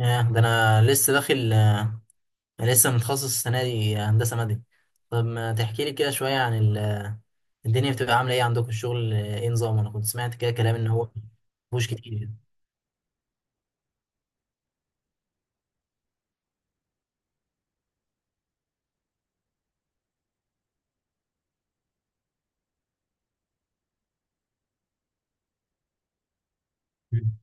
ياه ده انا لسه داخل. انا لسه متخصص السنه دي هندسه مدني. طب ما تحكي لي كده شويه عن ال... آه، الدنيا بتبقى عامله ايه عندكم؟ الشغل ايه نظامه؟ انا كنت سمعت كده كلام ان هو مفهوش كتير. مم.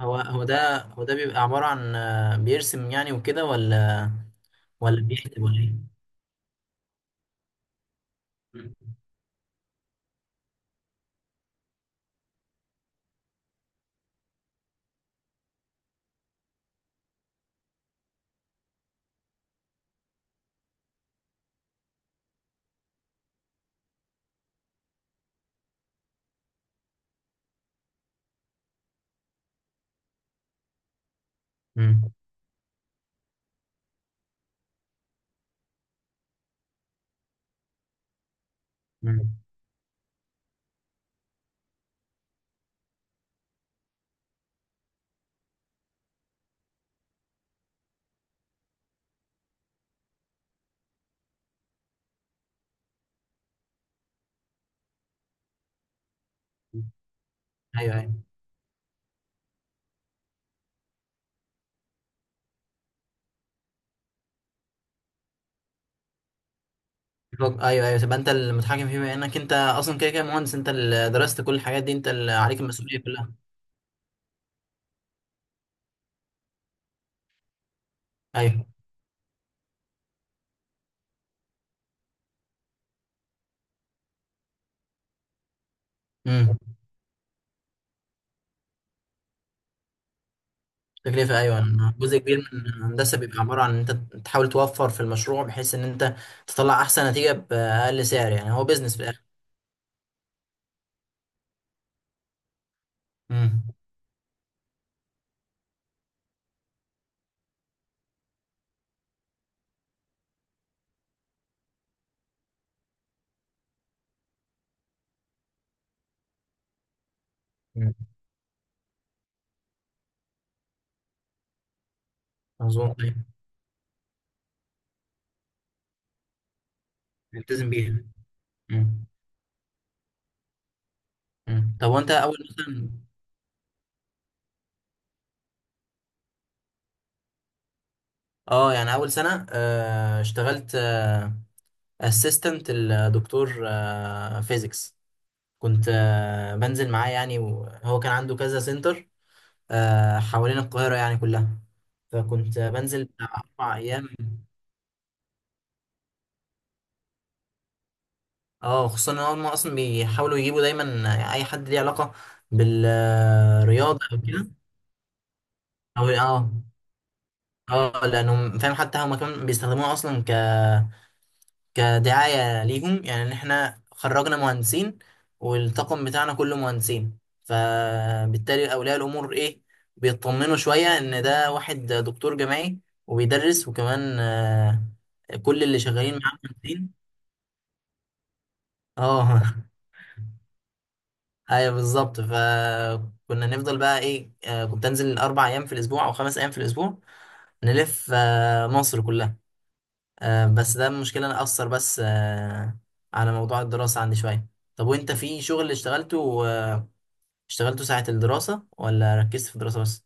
هو ده بيبقى عباره عن بيرسم يعني وكده، ولا ولا بيكتب، ولا ايه؟ مم. مم. مم. ايوه ايوه ايوه ايوه، تبقى انت المتحكم فيه، بما انك انت اصلا كده كده مهندس، انت اللي درست كل الحاجات دي، انت اللي عليك المسؤوليه كلها. ايوه. مم. تكلفة، أيوة، إن جزء كبير من الهندسة بيبقى عبارة عن إن أنت تحاول توفر في المشروع، بحيث إن أنت تطلع أحسن نتيجة بأقل سعر. يعني هو بيزنس في الآخر. مم. مم. مظبوط، أيوة. التزم بيها. مم. مم. طب وأنت أول مثلا. أه يعني أول سنة اشتغلت أسيستنت الدكتور فيزيكس. كنت بنزل معاه يعني، وهو كان عنده كذا سنتر حوالين القاهرة يعني كلها. فكنت بنزل بتاع أربع أيام. اه، خصوصا ان هم اصلا بيحاولوا يجيبوا دايما اي حد ليه علاقه بالرياضه او كده. او اه، اه، لانهم فاهم حتى هم كمان بيستخدموها اصلا ك كدعايه ليهم، يعني ان احنا خرجنا مهندسين والطاقم بتاعنا كله مهندسين، فبالتالي اولياء الامور ايه، بيطمنوا شويه ان ده واحد دكتور جامعي وبيدرس، وكمان كل اللي شغالين معاه مهندسين. اه. ايوه بالظبط. فكنا نفضل بقى ايه، كنت انزل اربع ايام في الاسبوع او خمس ايام في الاسبوع، نلف مصر كلها. بس ده المشكله انا اثر بس على موضوع الدراسه عندي شويه. طب وانت في شغل اشتغلته اشتغلته ساعه الدراسه، ولا ركزت في الدراسه بس؟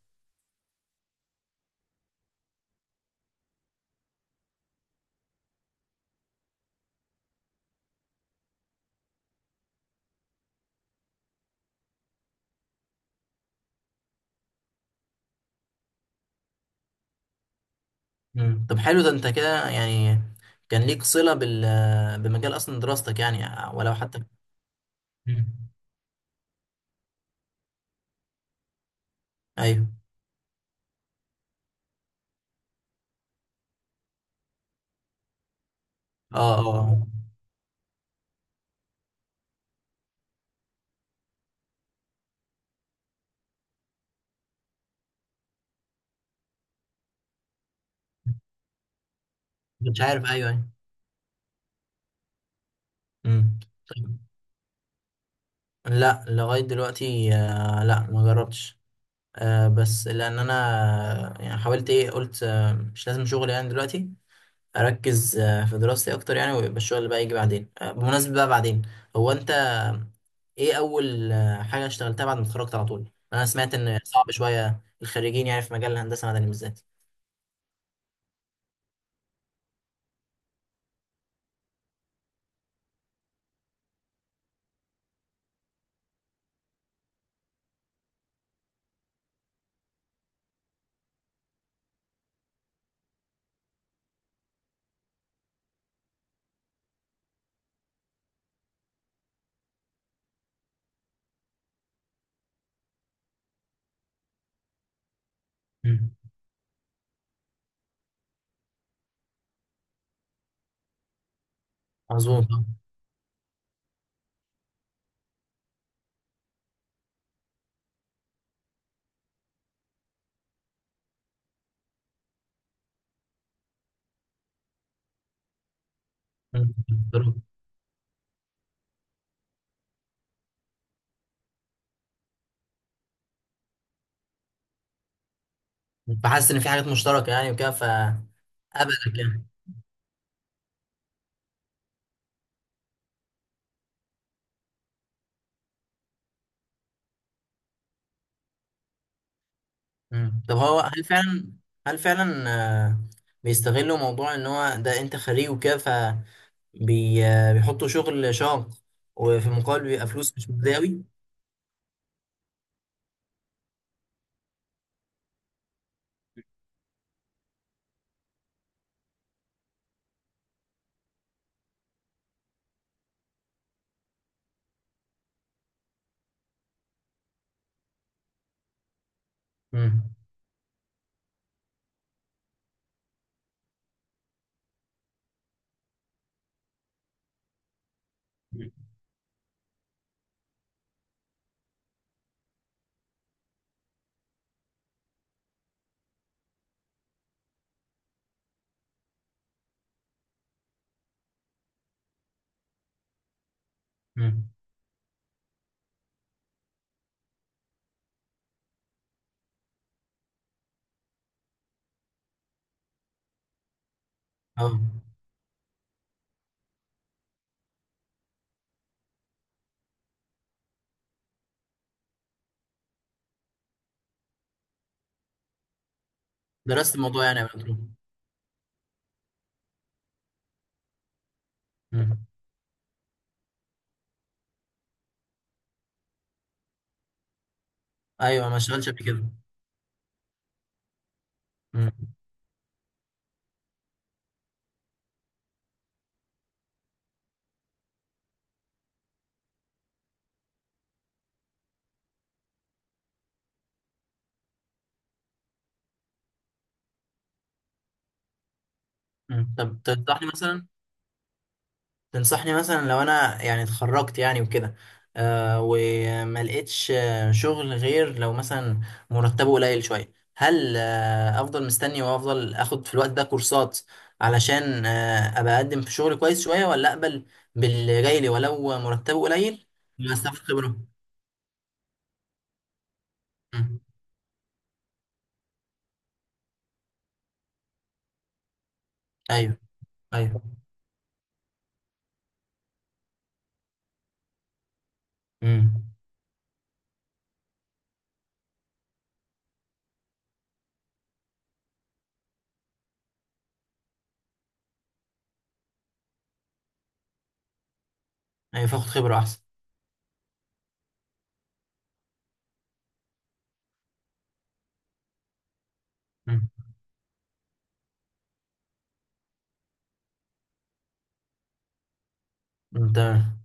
مم. طب حلو، ده انت كده يعني كان ليك صله بال بمجال اصلا دراستك يعني. ولو حتى. مم. ايوه. اه اه آه. مش عارف، ايوه ايوه. مم. طيب. لا، لغاية دلوقتي لا ما جربتش. بس لأن أنا يعني حاولت إيه، قلت مش لازم شغل يعني دلوقتي، أركز في دراستي أكتر يعني، ويبقى الشغل بقى يجي بعدين. بمناسبة بقى بعدين، هو أنت إيه أول حاجة اشتغلتها بعد ما اتخرجت على طول؟ أنا سمعت إن صعب شوية الخريجين يعني في مجال الهندسة المدني بالذات. مم. مظبوط آه. مم. فحاسس إن في حاجات مشتركة يعني وكده فقبلك يعني. مم. طب هو هل فعلا هل فعلا آه، بيستغلوا موضوع ان هو ده انت خريج وكده، فبيحطوا شغل شاق وفي المقابل بيبقى فلوس مش مجداوي؟ امم. امم. اه، درست الموضوع يعني قبل كده. مم. ايوه، ما اشتغلتش قبل كده. مم. مم. طب تنصحني مثلا تنصحني مثلا لو انا يعني اتخرجت يعني وكده، وما لقيتش شغل غير لو مثلا مرتبه قليل شويه، هل افضل مستني وافضل اخد في الوقت ده كورسات علشان ابقى اقدم في شغل كويس شويه، ولا اقبل باللي جاي لي ولو مرتبه قليل؟ واستفاد خبره. مم. ايوه ايوه. امم. ايوه، فاخد خبره احسن. امم. تمام.